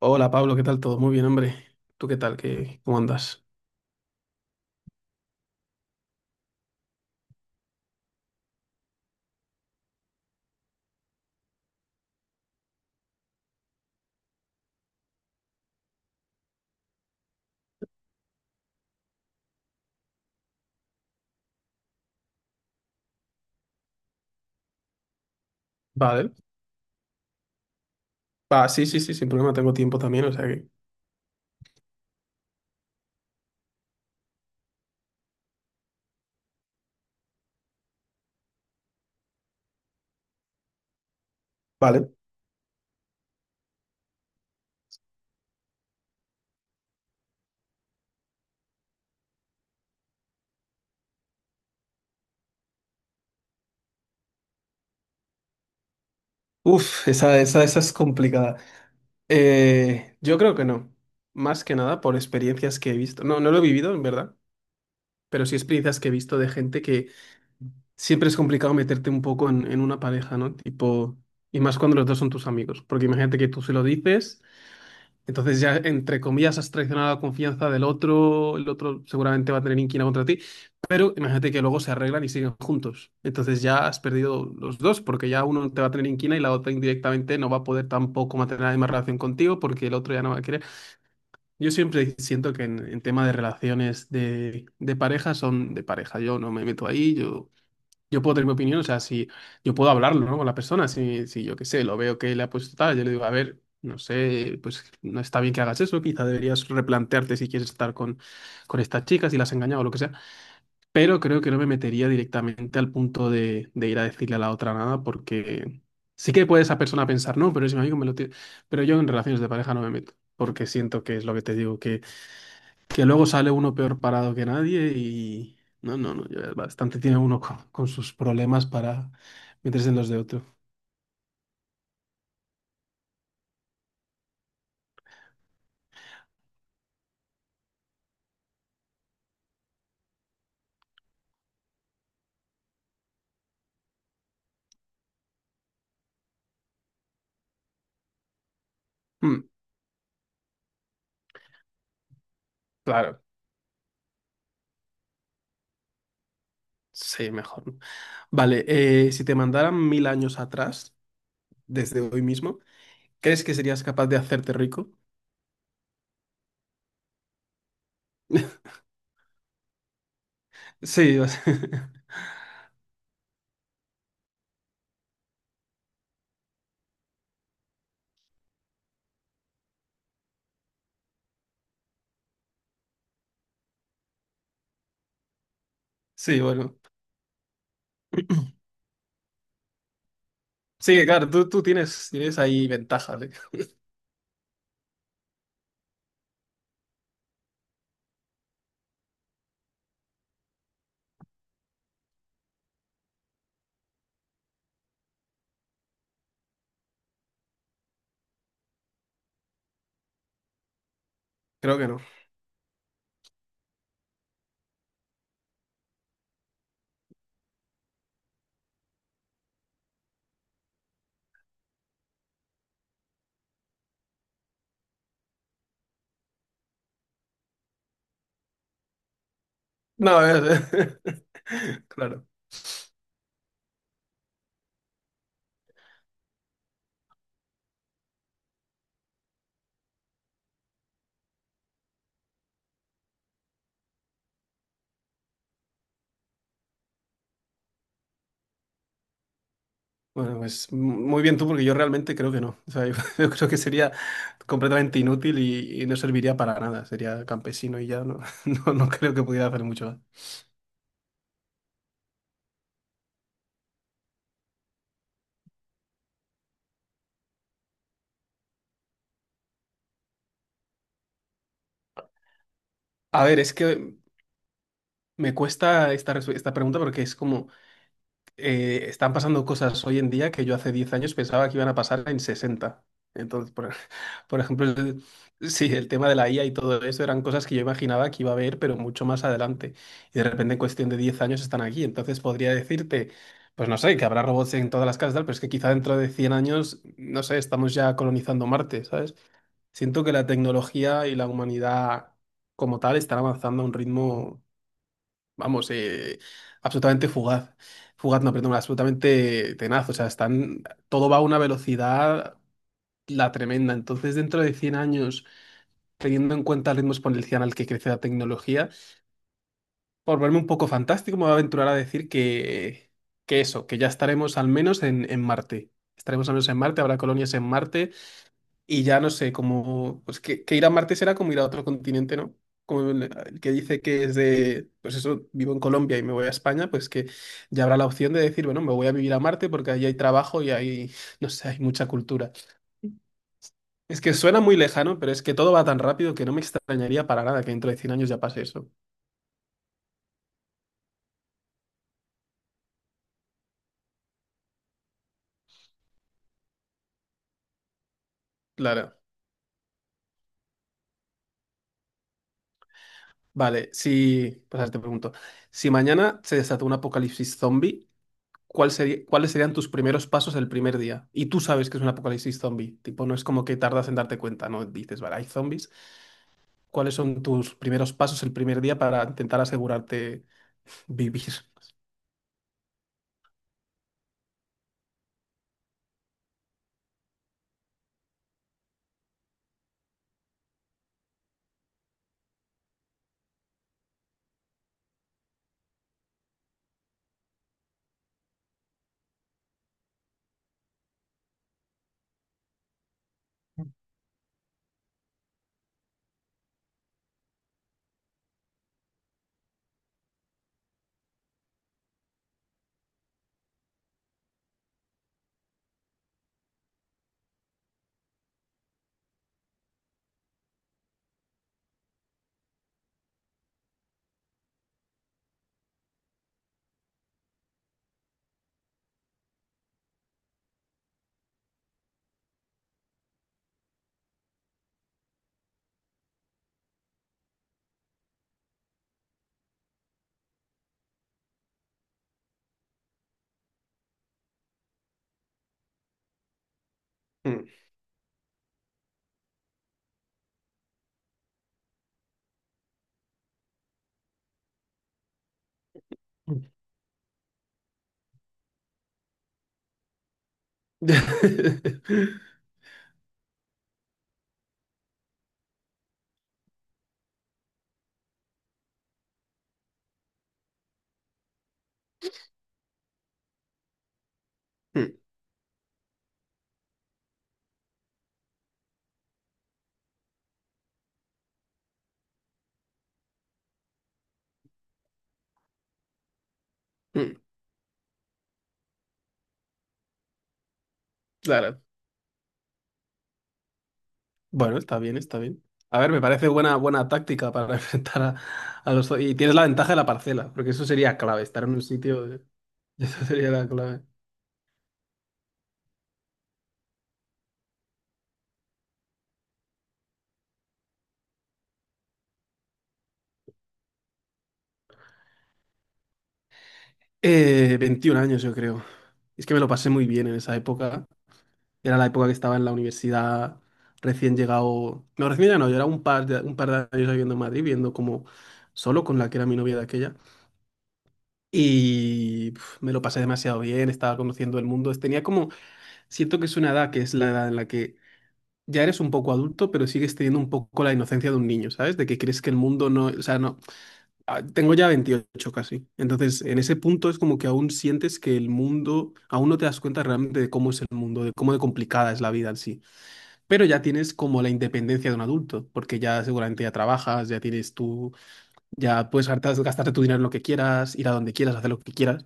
Hola Pablo, ¿qué tal? ¿Todo muy bien, hombre? ¿Tú qué tal? ¿Qué, cómo andas? Vale. Va, sí, sí, sí, sin problema, tengo tiempo también, o sea que... Vale. Uf, esa es complicada. Yo creo que no. Más que nada por experiencias que he visto. No, no lo he vivido, en verdad, pero sí experiencias que he visto de gente que siempre es complicado meterte un poco en una pareja, ¿no? Tipo, y más cuando los dos son tus amigos, porque imagínate que tú se lo dices. Entonces ya, entre comillas, has traicionado la confianza del otro, el otro seguramente va a tener inquina contra ti, pero imagínate que luego se arreglan y siguen juntos. Entonces ya has perdido los dos, porque ya uno te va a tener inquina y la otra indirectamente no va a poder tampoco mantener la misma relación contigo porque el otro ya no va a querer. Yo siempre siento que en tema de relaciones de pareja son de pareja. Yo no me meto ahí, yo puedo tener mi opinión, o sea, si yo puedo hablarlo, ¿no? Con la persona, si yo qué sé, lo veo que le ha puesto tal, yo le digo, a ver, no sé, pues no está bien que hagas eso, quizá deberías replantearte si quieres estar con, estas chicas, si las has engañado o lo que sea, pero creo que no me metería directamente al punto de ir a decirle a la otra nada, porque sí que puede esa persona pensar, no, pero es mi amigo, me lo tiene, pero yo en relaciones de pareja no me meto, porque siento que es lo que te digo, que luego sale uno peor parado que nadie y no, no, no, ya bastante tiene uno con sus problemas para meterse en los de otro. Mm, claro, sí, mejor. ¿No? Vale, si te mandaran mil años atrás, desde hoy mismo, ¿crees que serías capaz de hacerte rico? Sí, o sea, sí, bueno. Sí, claro, tú tienes, tienes ahí ventajas, ¿eh? Creo que no. No, es- claro. Bueno, pues m- muy bien tú, porque yo realmente creo que no. O sea, yo, yo creo que sería completamente inútil y no serviría para nada. Sería campesino y ya no, no, no creo que pudiera hacer mucho más. A ver, es que me cuesta esta, esta pregunta porque es como, están pasando cosas hoy en día que yo hace 10 años pensaba que iban a pasar en sesenta. Entonces, por ejemplo, sí, el tema de la IA y todo eso eran cosas que yo imaginaba que iba a haber, pero mucho más adelante. Y de repente, en cuestión de 10 años, están aquí. Entonces, podría decirte, pues no sé, que habrá robots en todas las casas, tal, pero es que quizá dentro de 100 años, no sé, estamos ya colonizando Marte, ¿sabes? Siento que la tecnología y la humanidad como tal están avanzando a un ritmo, vamos, absolutamente fugaz. Fugaz, no, perdón, absolutamente tenaz. O sea, están, todo va a una velocidad la tremenda. Entonces, dentro de 100 años, teniendo en cuenta el ritmo exponencial al que crece la tecnología, por verme un poco fantástico, me voy a aventurar a decir que eso, que ya estaremos al menos en, Marte. Estaremos al menos en Marte, habrá colonias en Marte y ya no sé, como, pues que ir a Marte será como ir a otro continente, ¿no? Como el que dice que es de, pues eso, vivo en Colombia y me voy a España, pues que ya habrá la opción de decir, bueno, me voy a vivir a Marte porque ahí hay trabajo y ahí, no sé, hay mucha cultura. Es que suena muy lejano, pero es que todo va tan rápido que no me extrañaría para nada que dentro de 100 años ya pase eso. Claro. Vale, si, pues ahora te pregunto, si mañana se desata un apocalipsis zombie, cuáles serían tus primeros pasos el primer día. Y tú sabes que es un apocalipsis zombie. Tipo, no es como que tardas en darte cuenta, ¿no? Dices, vale, hay zombies. ¿Cuáles son tus primeros pasos el primer día para intentar asegurarte vivir? Mm. Mm, mm, claro. Bueno, está bien, está bien. A ver, me parece buena, buena táctica para enfrentar a los... Y tienes la ventaja de la parcela, porque eso sería clave, estar en un sitio, eso sería la clave. 21 años, yo creo. Es que me lo pasé muy bien en esa época. Era la época que estaba en la universidad, recién llegado. No, recién llegado no, yo era un par de años viviendo en Madrid, viendo como solo con la que era mi novia de aquella. Y pf, me lo pasé demasiado bien, estaba conociendo el mundo. Tenía como, siento que es una edad que es la edad en la que ya eres un poco adulto, pero sigues teniendo un poco la inocencia de un niño, ¿sabes? De que crees que el mundo no, o sea, no. Ah, tengo ya 28 casi. Entonces, en ese punto es como que aún sientes que el mundo, aún no te das cuenta realmente de cómo es el mundo, de cómo de complicada es la vida en sí, pero ya tienes como la independencia de un adulto, porque ya seguramente ya trabajas, ya tienes tú, ya puedes gastarte tu dinero en lo que quieras, ir a donde quieras, hacer lo que quieras.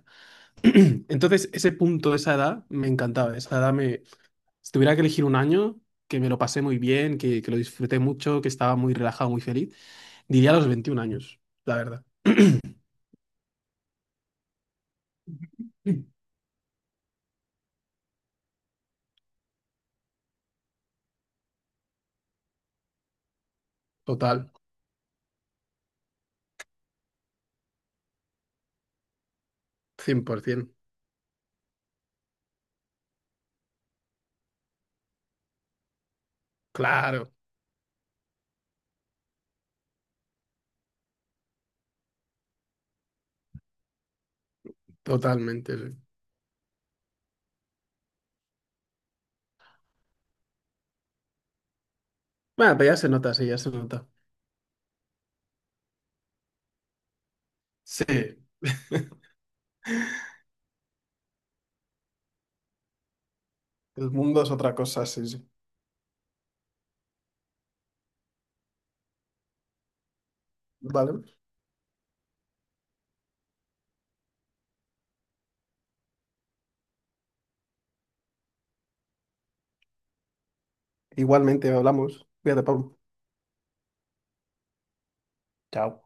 Entonces, ese punto, esa edad, me encantaba. Esa edad me, si tuviera que elegir un año, que me lo pasé muy bien, que lo disfruté mucho, que estaba muy relajado, muy feliz, diría los 21 años, la verdad. Mm. Total, 100%. Claro, totalmente, sí. Bueno, pero ya se nota, sí, ya se nota. Sí, el mundo es otra cosa, sí, sí. Vale. Igualmente hablamos. Cuídate, Pablo. Chao.